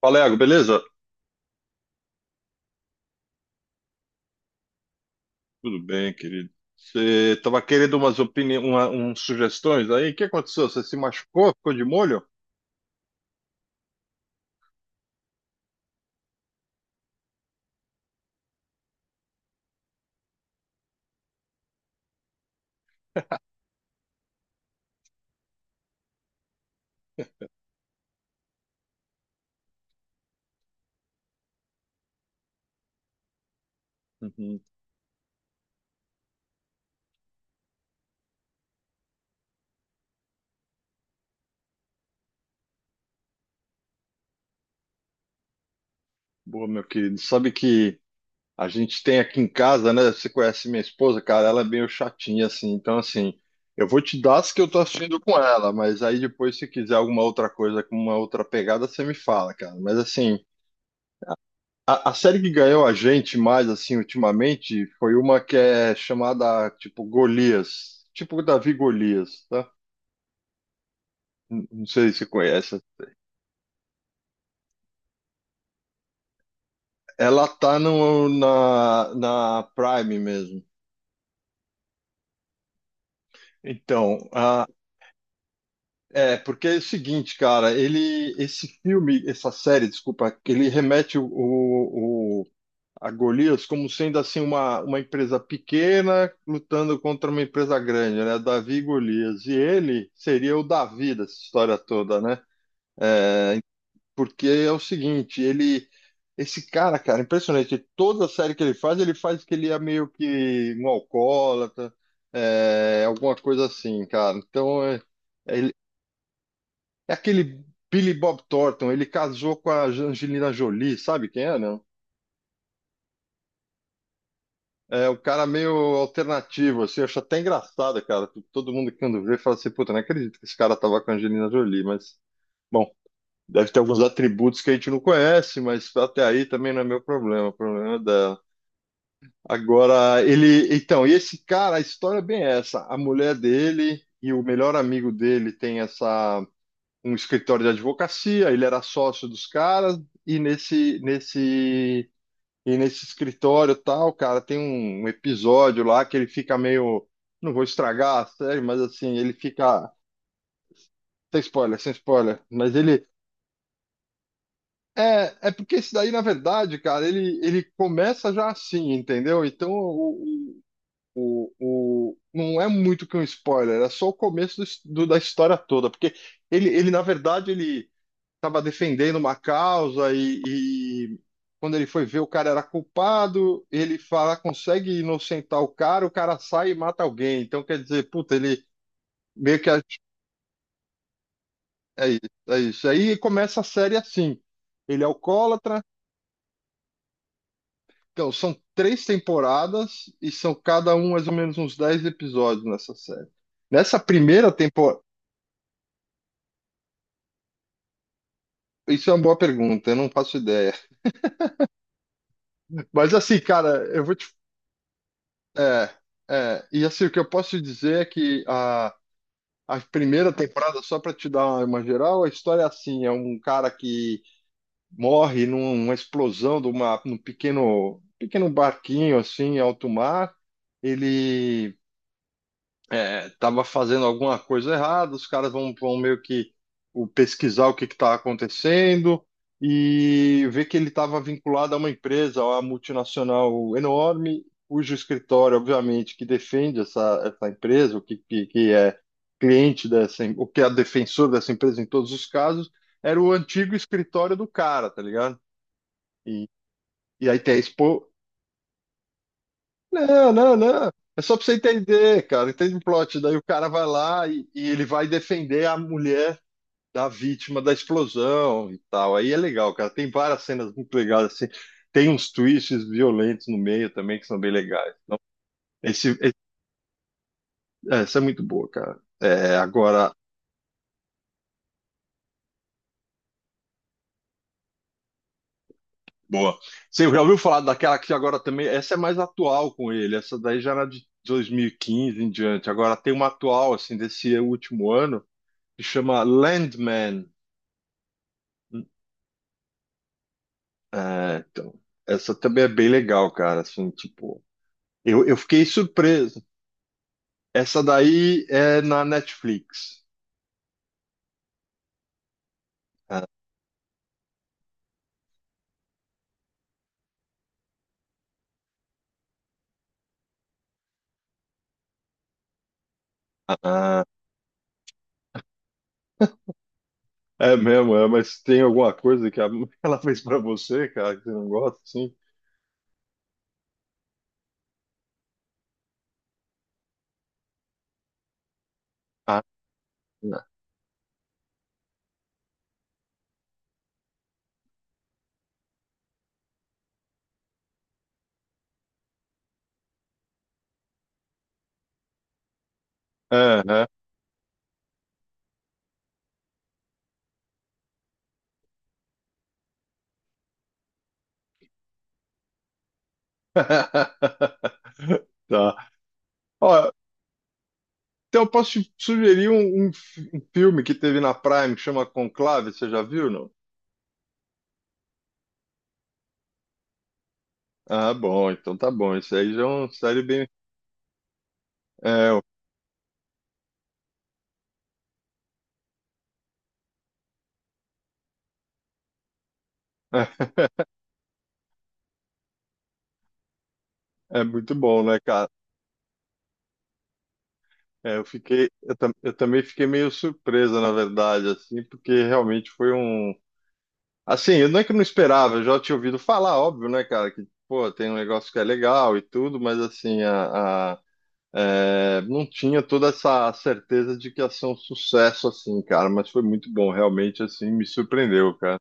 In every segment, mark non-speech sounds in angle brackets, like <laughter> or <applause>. Fala, Iago, beleza? Tudo bem, querido. Você estava querendo umas opiniões, umas sugestões aí? O que aconteceu? Você se machucou? Ficou de molho? Uhum. Boa, meu querido. Sabe que a gente tem aqui em casa, né? Você conhece minha esposa, cara, ela é meio chatinha, assim. Então, assim, eu vou te dar as que eu tô assistindo com ela, mas aí depois, se quiser alguma outra coisa com uma outra pegada, você me fala, cara. Mas, assim, a série que ganhou a gente mais, assim, ultimamente, foi uma que é chamada, tipo, Golias. Tipo Davi Golias, tá? Não sei se você conhece. Ela tá no, na, na Prime mesmo. Então, é, porque é o seguinte, cara, ele, esse filme, essa série, desculpa, ele remete a Golias como sendo assim uma empresa pequena lutando contra uma empresa grande, né? Davi e Golias. E ele seria o Davi dessa história toda, né? É, porque é o seguinte, ele esse cara, impressionante. Toda série que ele faz que ele é meio que um alcoólatra, alguma coisa assim, cara. Então é, é ele- é aquele Billy Bob Thornton, ele casou com a Angelina Jolie, sabe quem é, né? É, o cara meio alternativo, assim, eu acho até engraçado, cara. Todo mundo que quando vê fala assim, puta, não acredito que esse cara tava com a Angelina Jolie, mas, bom, deve ter alguns atributos que a gente não conhece, mas até aí também não é meu problema, o problema é dela. Agora, ele, então, e esse cara, a história é bem essa, a mulher dele e o melhor amigo dele tem essa, um escritório de advocacia, ele era sócio dos caras, e nesse escritório tal, cara, tem um episódio lá que ele fica meio. Não vou estragar a série, mas assim, ele fica. Sem spoiler, sem spoiler. Mas ele. É, porque esse daí, na verdade, cara, ele, começa já assim, entendeu? Então, não é muito que um spoiler, é só o começo da história toda. Porque ele, na verdade, ele. Estava defendendo uma causa e, quando ele foi ver o cara era culpado, ele fala, consegue inocentar o cara sai e mata alguém. Então quer dizer, puta, ele meio que é isso, é isso. Aí começa a série assim. Ele é alcoólatra. Então, são três temporadas e são cada um mais ou menos uns 10 episódios nessa série. Nessa primeira temporada. Isso é uma boa pergunta, eu não faço ideia. <laughs> Mas assim, cara, eu vou te. É, e assim, o que eu posso dizer é que a primeira temporada, só para te dar uma geral, a história é assim: é um cara que morre numa explosão num pequeno, pequeno barquinho assim, em alto mar. Ele tava fazendo alguma coisa errada, os caras vão meio que pesquisar o que que tá acontecendo e ver que ele estava vinculado a uma empresa, a uma multinacional enorme, cujo escritório, obviamente, que defende essa empresa, o que é cliente dessa, o que é defensor dessa empresa em todos os casos, era o antigo escritório do cara, tá ligado? E, e aí tem não, não, não. É só pra você entender, cara. Entende o plot? Daí o cara vai lá e ele vai defender a mulher da vítima da explosão e tal. Aí é legal, cara. Tem várias cenas muito legais, assim. Tem uns twists violentos no meio também que são bem legais. Então, esse, esse- essa é muito boa, cara. É, agora, boa. Você já ouviu falar daquela que agora também. Essa é mais atual com ele. Essa daí já era de 2015 em diante. Agora tem uma atual, assim, desse último ano, que chama Landman. É, então. Essa também é bem legal, cara. Assim, tipo, eu fiquei surpreso. Essa daí é na Netflix. Ah, é mesmo, mas tem alguma coisa que <laughs> ela fez pra você, cara, que você não gosta, assim? Ah, não. Aham. <laughs> Tá. Ó, então eu posso te sugerir um filme que teve na Prime que chama Conclave, você já viu, não? Ah, bom, então tá bom. Isso aí já é uma série bem. É, <laughs> é muito bom, né, cara? É, eu também fiquei meio surpresa, na verdade, assim, porque realmente foi um. Assim, eu não é que eu não esperava, eu já tinha ouvido falar, óbvio, né, cara, que, pô, tem um negócio que é legal e tudo, mas assim, não tinha toda essa certeza de que ia ser um sucesso, assim, cara, mas foi muito bom, realmente, assim, me surpreendeu, cara.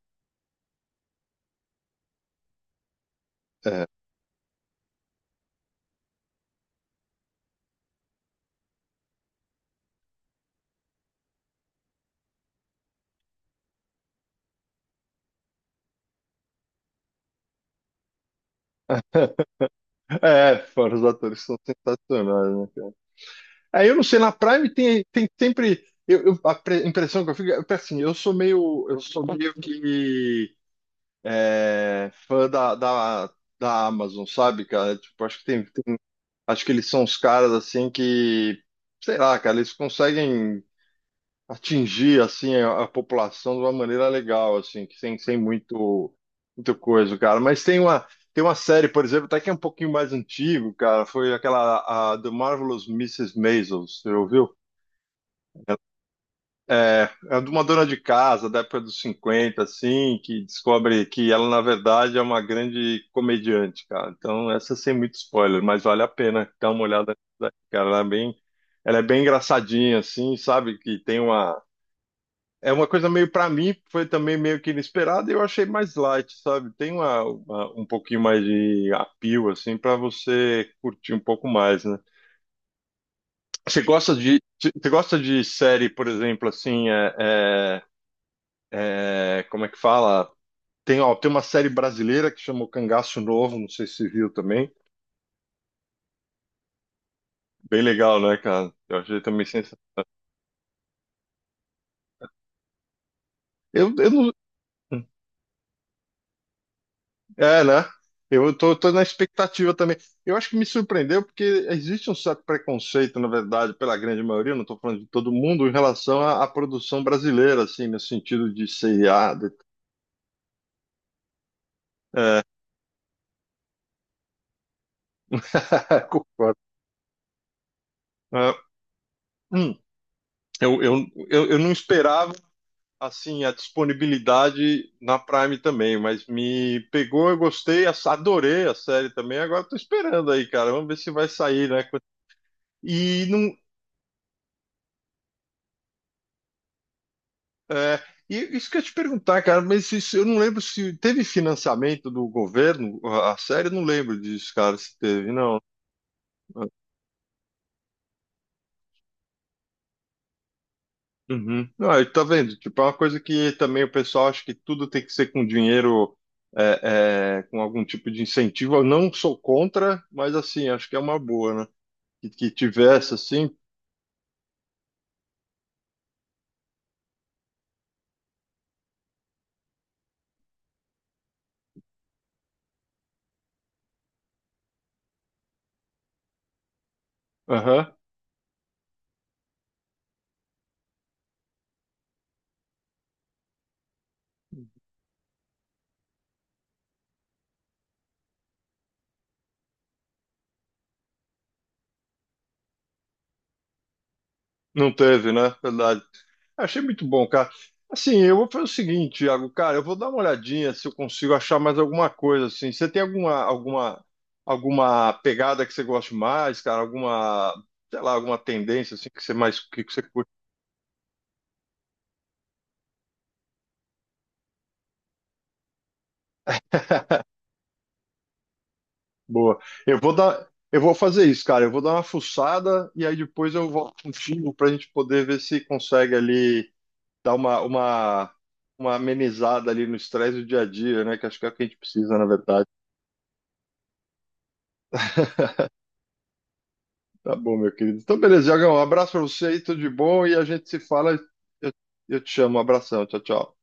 É, é, fora os atores que são sensacionais, né? Aí eu não sei, na Prime tem sempre. A impressão que eu fico é que, assim, eu sou meio que fã da Amazon, sabe, cara? Tipo, acho que acho que eles são os caras assim que, sei lá, cara, eles conseguem atingir assim a população de uma maneira legal, assim, que sem muito, muito coisa, cara. Mas tem uma, série, por exemplo, até que é um pouquinho mais antigo, cara, foi aquela The Marvelous Mrs. Maisel, você ouviu? É, é de uma dona de casa da época dos 50, assim, que descobre que ela, na verdade, é uma grande comediante, cara. Então, essa sem muito spoiler, mas vale a pena dar uma olhada, nisso daí, cara. ela é bem engraçadinha, assim, sabe? Que tem uma. É uma coisa meio, pra mim, foi também meio que inesperada e eu achei mais light, sabe? Tem uma, um pouquinho mais de appeal, assim, pra você curtir um pouco mais, né? Você gosta de série, por exemplo, assim, como é que fala? Ó, tem uma série brasileira que chama O Cangaço Novo, não sei se você viu também. Bem legal, né, cara? Eu achei também sensacional. Eu não. É, né? Eu tô na expectativa também. Eu acho que me surpreendeu porque existe um certo preconceito, na verdade, pela grande maioria, não estou falando de todo mundo, em relação à produção brasileira, assim, no sentido de seriado. É, <laughs> concordo. É, hum, eu, eu, eu, eu não esperava assim, a disponibilidade na Prime também, mas me pegou, eu gostei, adorei a série também. Agora tô esperando aí, cara. Vamos ver se vai sair, né? E não. é, e isso que eu ia te perguntar, cara, mas eu não lembro se teve financiamento do governo, a série, eu não lembro disso, cara, se teve, não. Uhum. Não, aí tá vendo? Tipo, é uma coisa que também o pessoal acha que tudo tem que ser com dinheiro, com algum tipo de incentivo. Eu não sou contra, mas assim, acho que é uma boa, né? Que tivesse assim. Aham. Não teve, né? Verdade. Achei muito bom, cara. Assim, eu vou fazer o seguinte, Iago, cara, eu vou dar uma olhadinha se eu consigo achar mais alguma coisa assim. Você tem alguma pegada que você goste mais, cara? Alguma, sei lá, alguma tendência assim que você mais que você curte? Boa. Eu vou fazer isso, cara. Eu vou dar uma fuçada e aí depois eu volto contigo pra gente poder ver se consegue ali dar uma amenizada ali no estresse do dia a dia, né? Que acho que é o que a gente precisa, na verdade. <laughs> Tá bom, meu querido. Então, beleza, Iagão. Um abraço pra você aí, tudo de bom. E a gente se fala. Eu, eu te chamo. Um abração. Tchau, tchau.